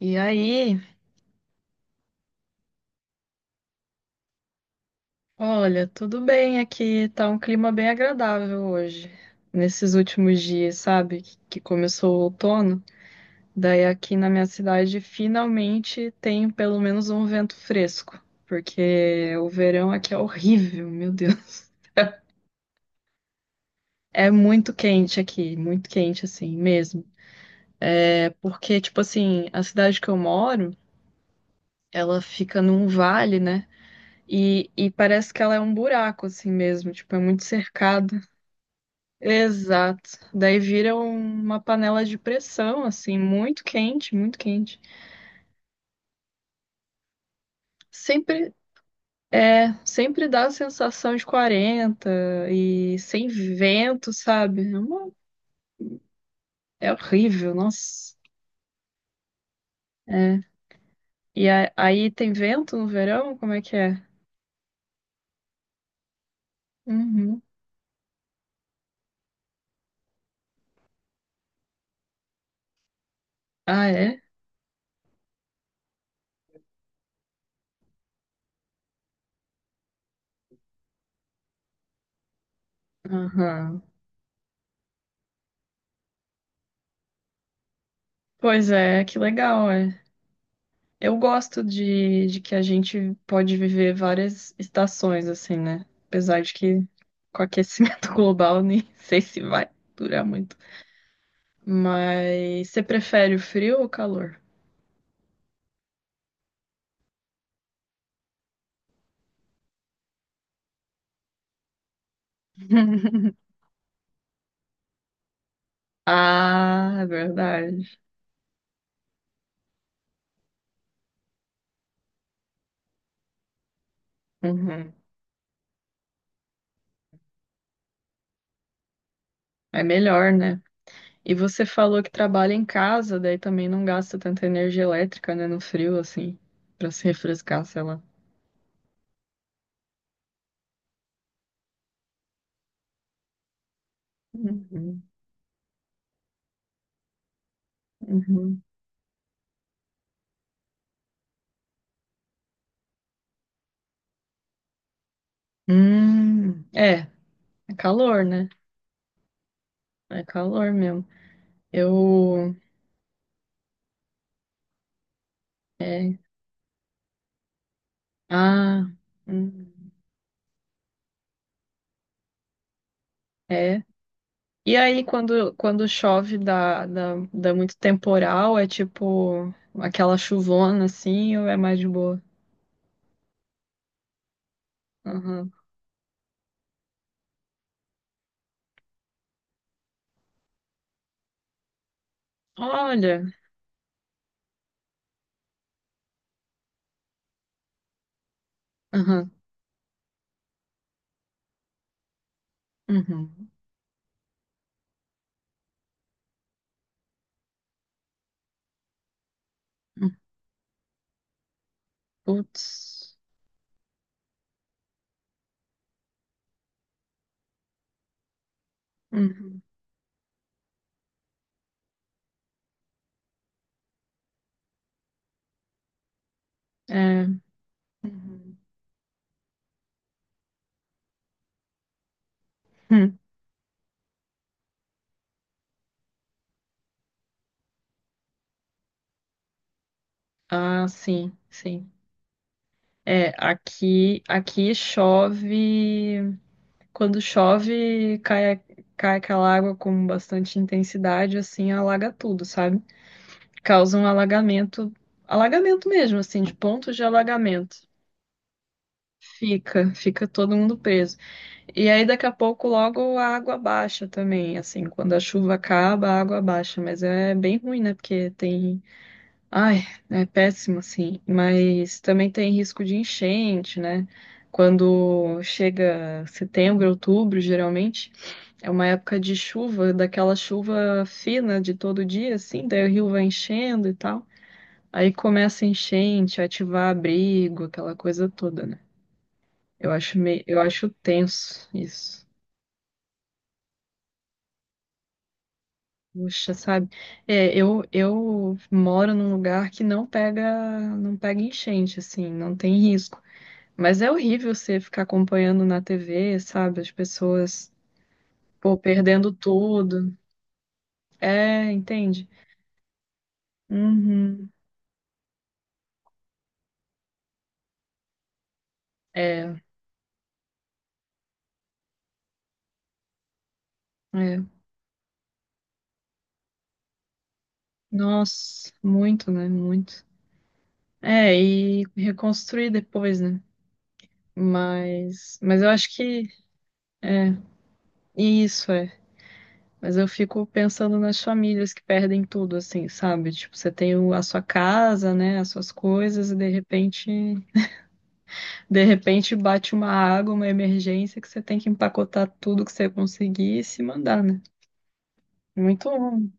E aí, olha, tudo bem aqui, tá um clima bem agradável hoje. Nesses últimos dias, sabe, que começou o outono, daí aqui na minha cidade finalmente tem pelo menos um vento fresco, porque o verão aqui é horrível, meu Deus. É muito quente aqui, muito quente assim mesmo. É porque, tipo assim, a cidade que eu moro, ela fica num vale, né? E parece que ela é um buraco assim mesmo, tipo, é muito cercado. Exato. Daí vira uma panela de pressão, assim, muito quente, muito quente. Sempre Sempre dá a sensação de 40 e sem vento, sabe? É horrível, nossa. É. Aí tem vento no verão? Como é que é? Uhum. Ah, é? Aham. Pois é, que legal, é. Eu gosto de que a gente pode viver várias estações, assim, né? Apesar de que com o aquecimento global nem sei se vai durar muito. Mas você prefere o frio ou o calor? Ah, é verdade. Uhum. É melhor, né? E você falou que trabalha em casa, daí também não gasta tanta energia elétrica, né? No frio, assim, pra se refrescar, sei lá. Uhum. Uhum. É, é calor, né? É calor mesmo. Eu. É. Ah. Hum. É. E aí, quando chove, dá muito temporal, é tipo aquela chuvona assim, ou é mais de boa? Aham. Olha. Aham. Uhum. Hum. Putz. Uhum. É. Uhum. Hum. Ah, sim, sim. É, aqui, aqui chove. Quando chove, cai aquela água com bastante intensidade, assim, alaga tudo, sabe? Causa um alagamento mesmo, assim, de pontos de alagamento. Fica todo mundo preso. E aí daqui a pouco logo a água baixa também, assim, quando a chuva acaba, a água baixa, mas é bem ruim, né? Porque tem, ai, é péssimo assim, mas também tem risco de enchente, né? Quando chega setembro, outubro, geralmente é uma época de chuva, daquela chuva fina de todo dia, assim, daí o rio vai enchendo e tal. Aí começa a enchente, ativar abrigo, aquela coisa toda, né? Eu acho meio, eu acho tenso isso. Puxa, sabe? É, eu moro num lugar que não pega, não pega enchente, assim, não tem risco. Mas é horrível você ficar acompanhando na TV, sabe? As pessoas, pô, perdendo tudo. É, entende? Uhum. É, é. Nossa, muito, né? Muito. É, e reconstruir depois, né? Mas eu acho que isso é. Mas eu fico pensando nas famílias que perdem tudo, assim, sabe? Tipo, você tem a sua casa, né? As suas coisas, e de repente bate uma água, uma emergência que você tem que empacotar tudo que você conseguir e se mandar, né? Muito ruim.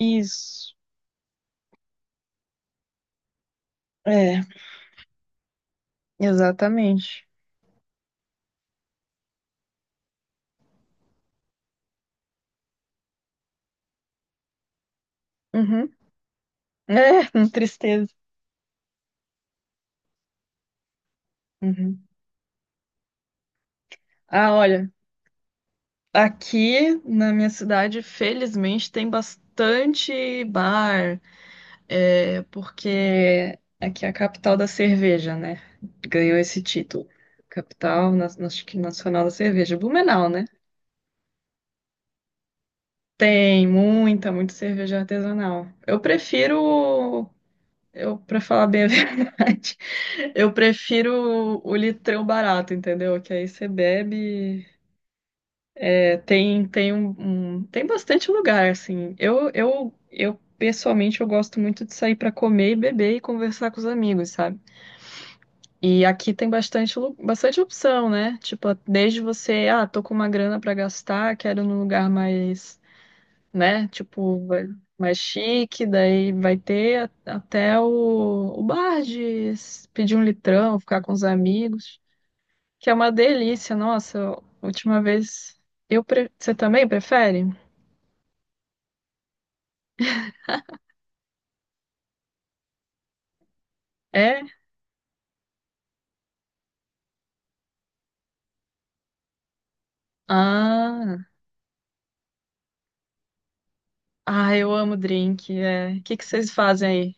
Isso. É, exatamente. Uhum. É, tristeza. Uhum. Ah, olha, aqui na minha cidade, felizmente, tem bastante bar. É porque aqui é a capital da cerveja, né? Ganhou esse título. Capital acho que nacional da cerveja, Blumenau, né? Tem muita cerveja artesanal. Eu para falar bem a verdade, eu prefiro o litrão barato, entendeu? Que aí você bebe, é, tem tem bastante lugar assim. Eu pessoalmente eu gosto muito de sair para comer e beber e conversar com os amigos, sabe? E aqui tem bastante opção, né? Tipo, desde você, ah, tô com uma grana pra gastar, quero num lugar mais, né? Mais chique, daí vai ter até o bar de pedir um litrão, ficar com os amigos, que é uma delícia. Nossa, última vez. Você também prefere? É? Ah, ah, eu amo drink. É. O que que vocês fazem aí?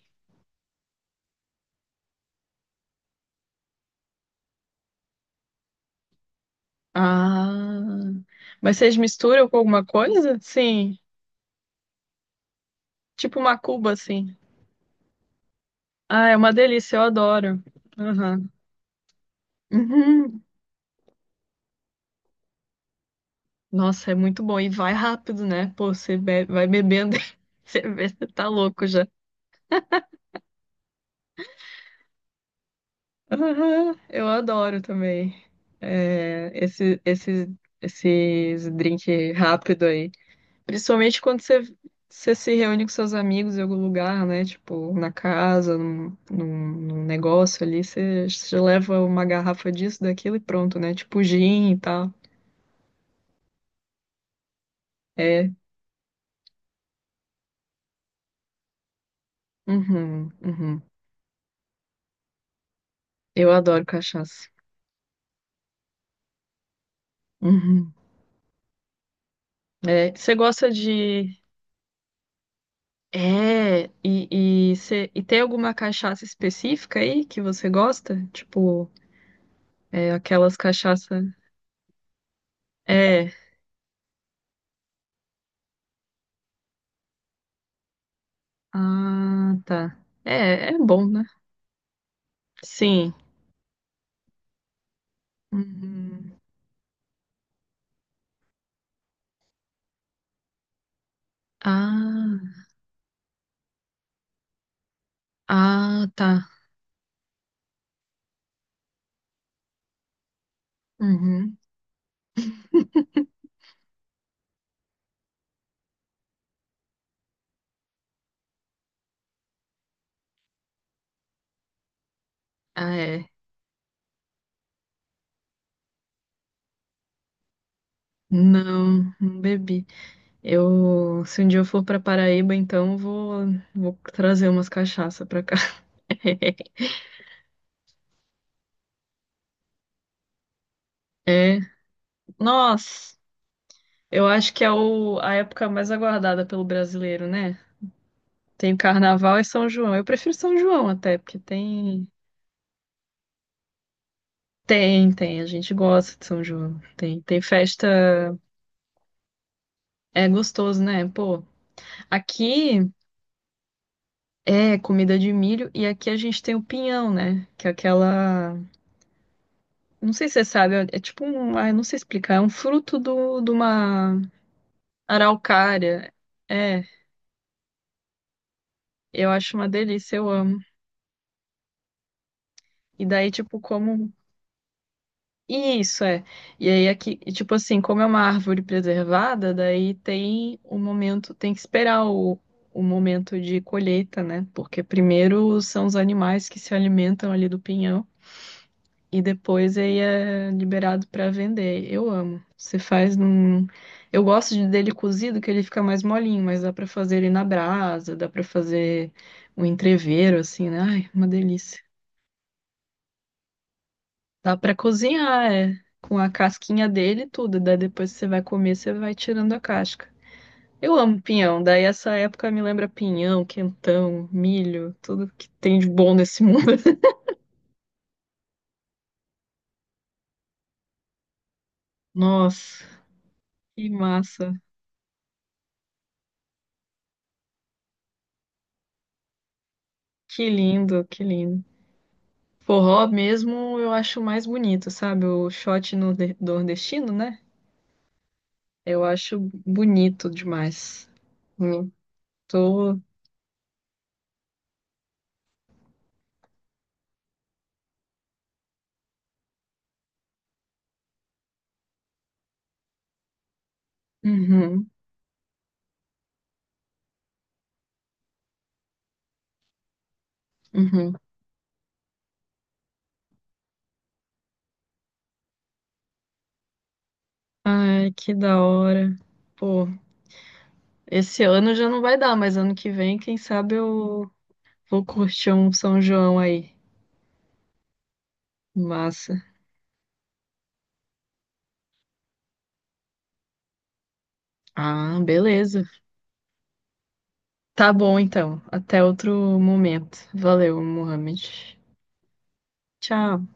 Ah, mas vocês misturam com alguma coisa? Sim. Tipo uma cuba, assim. Ah, é uma delícia, eu adoro. Aham. Uhum. Nossa, é muito bom. E vai rápido, né? Pô, vai bebendo, você vê, você tá louco já. Aham, eu adoro também. É, esses drink rápido aí. Principalmente você se reúne com seus amigos em algum lugar, né? Tipo, na casa, num negócio ali, você leva uma garrafa disso, daquilo e pronto, né? Tipo gin e tal. É, uhum, uhum. Eu adoro cachaça. Uhum. É, você gosta de. É, e tem alguma cachaça específica aí que você gosta? Tipo, é, aquelas cachaça. É. Ah, tá. É, é bom, né? Sim. Uhum. Ah, ah, tá. Uhum. Ah, é. Não, não bebi. Eu, se um dia eu for pra Paraíba, então vou trazer umas cachaça pra cá. É. Nossa, eu acho que é a época mais aguardada pelo brasileiro, né? Tem Carnaval e São João. Eu prefiro São João até, porque tem. Tem, tem. A gente gosta de São João. Tem, tem festa. É gostoso, né? Pô, aqui é comida de milho e aqui a gente tem o pinhão, né? Que é aquela. Não sei se você sabe, é tipo um. Ah, eu não sei explicar. É um fruto de uma araucária. É, eu acho uma delícia, eu amo. E daí, tipo, como. Isso é. E aí aqui, e, tipo assim, como é uma árvore preservada, daí tem o momento, tem que esperar o momento de colheita, né? Porque primeiro são os animais que se alimentam ali do pinhão e depois aí é liberado para vender. Eu amo. Você faz num, eu gosto dele cozido que ele fica mais molinho, mas dá para fazer ele na brasa, dá para fazer um entrevero assim, né? Ai, uma delícia. Dá pra cozinhar, é. Com a casquinha dele e tudo. Daí depois que você vai comer, você vai tirando a casca. Eu amo pinhão. Daí essa época me lembra pinhão, quentão, milho, tudo que tem de bom nesse mundo. Nossa, que massa. Que lindo, que lindo. Forró mesmo eu acho mais bonito, sabe? O shot no nordestino, né? Eu acho bonito demais. Eu tô. Uhum, uhum. Ai, que da hora. Pô. Esse ano já não vai dar, mas ano que vem, quem sabe eu vou curtir um São João aí. Massa. Ah, beleza. Tá bom então. Até outro momento. Valeu, Mohamed. Tchau.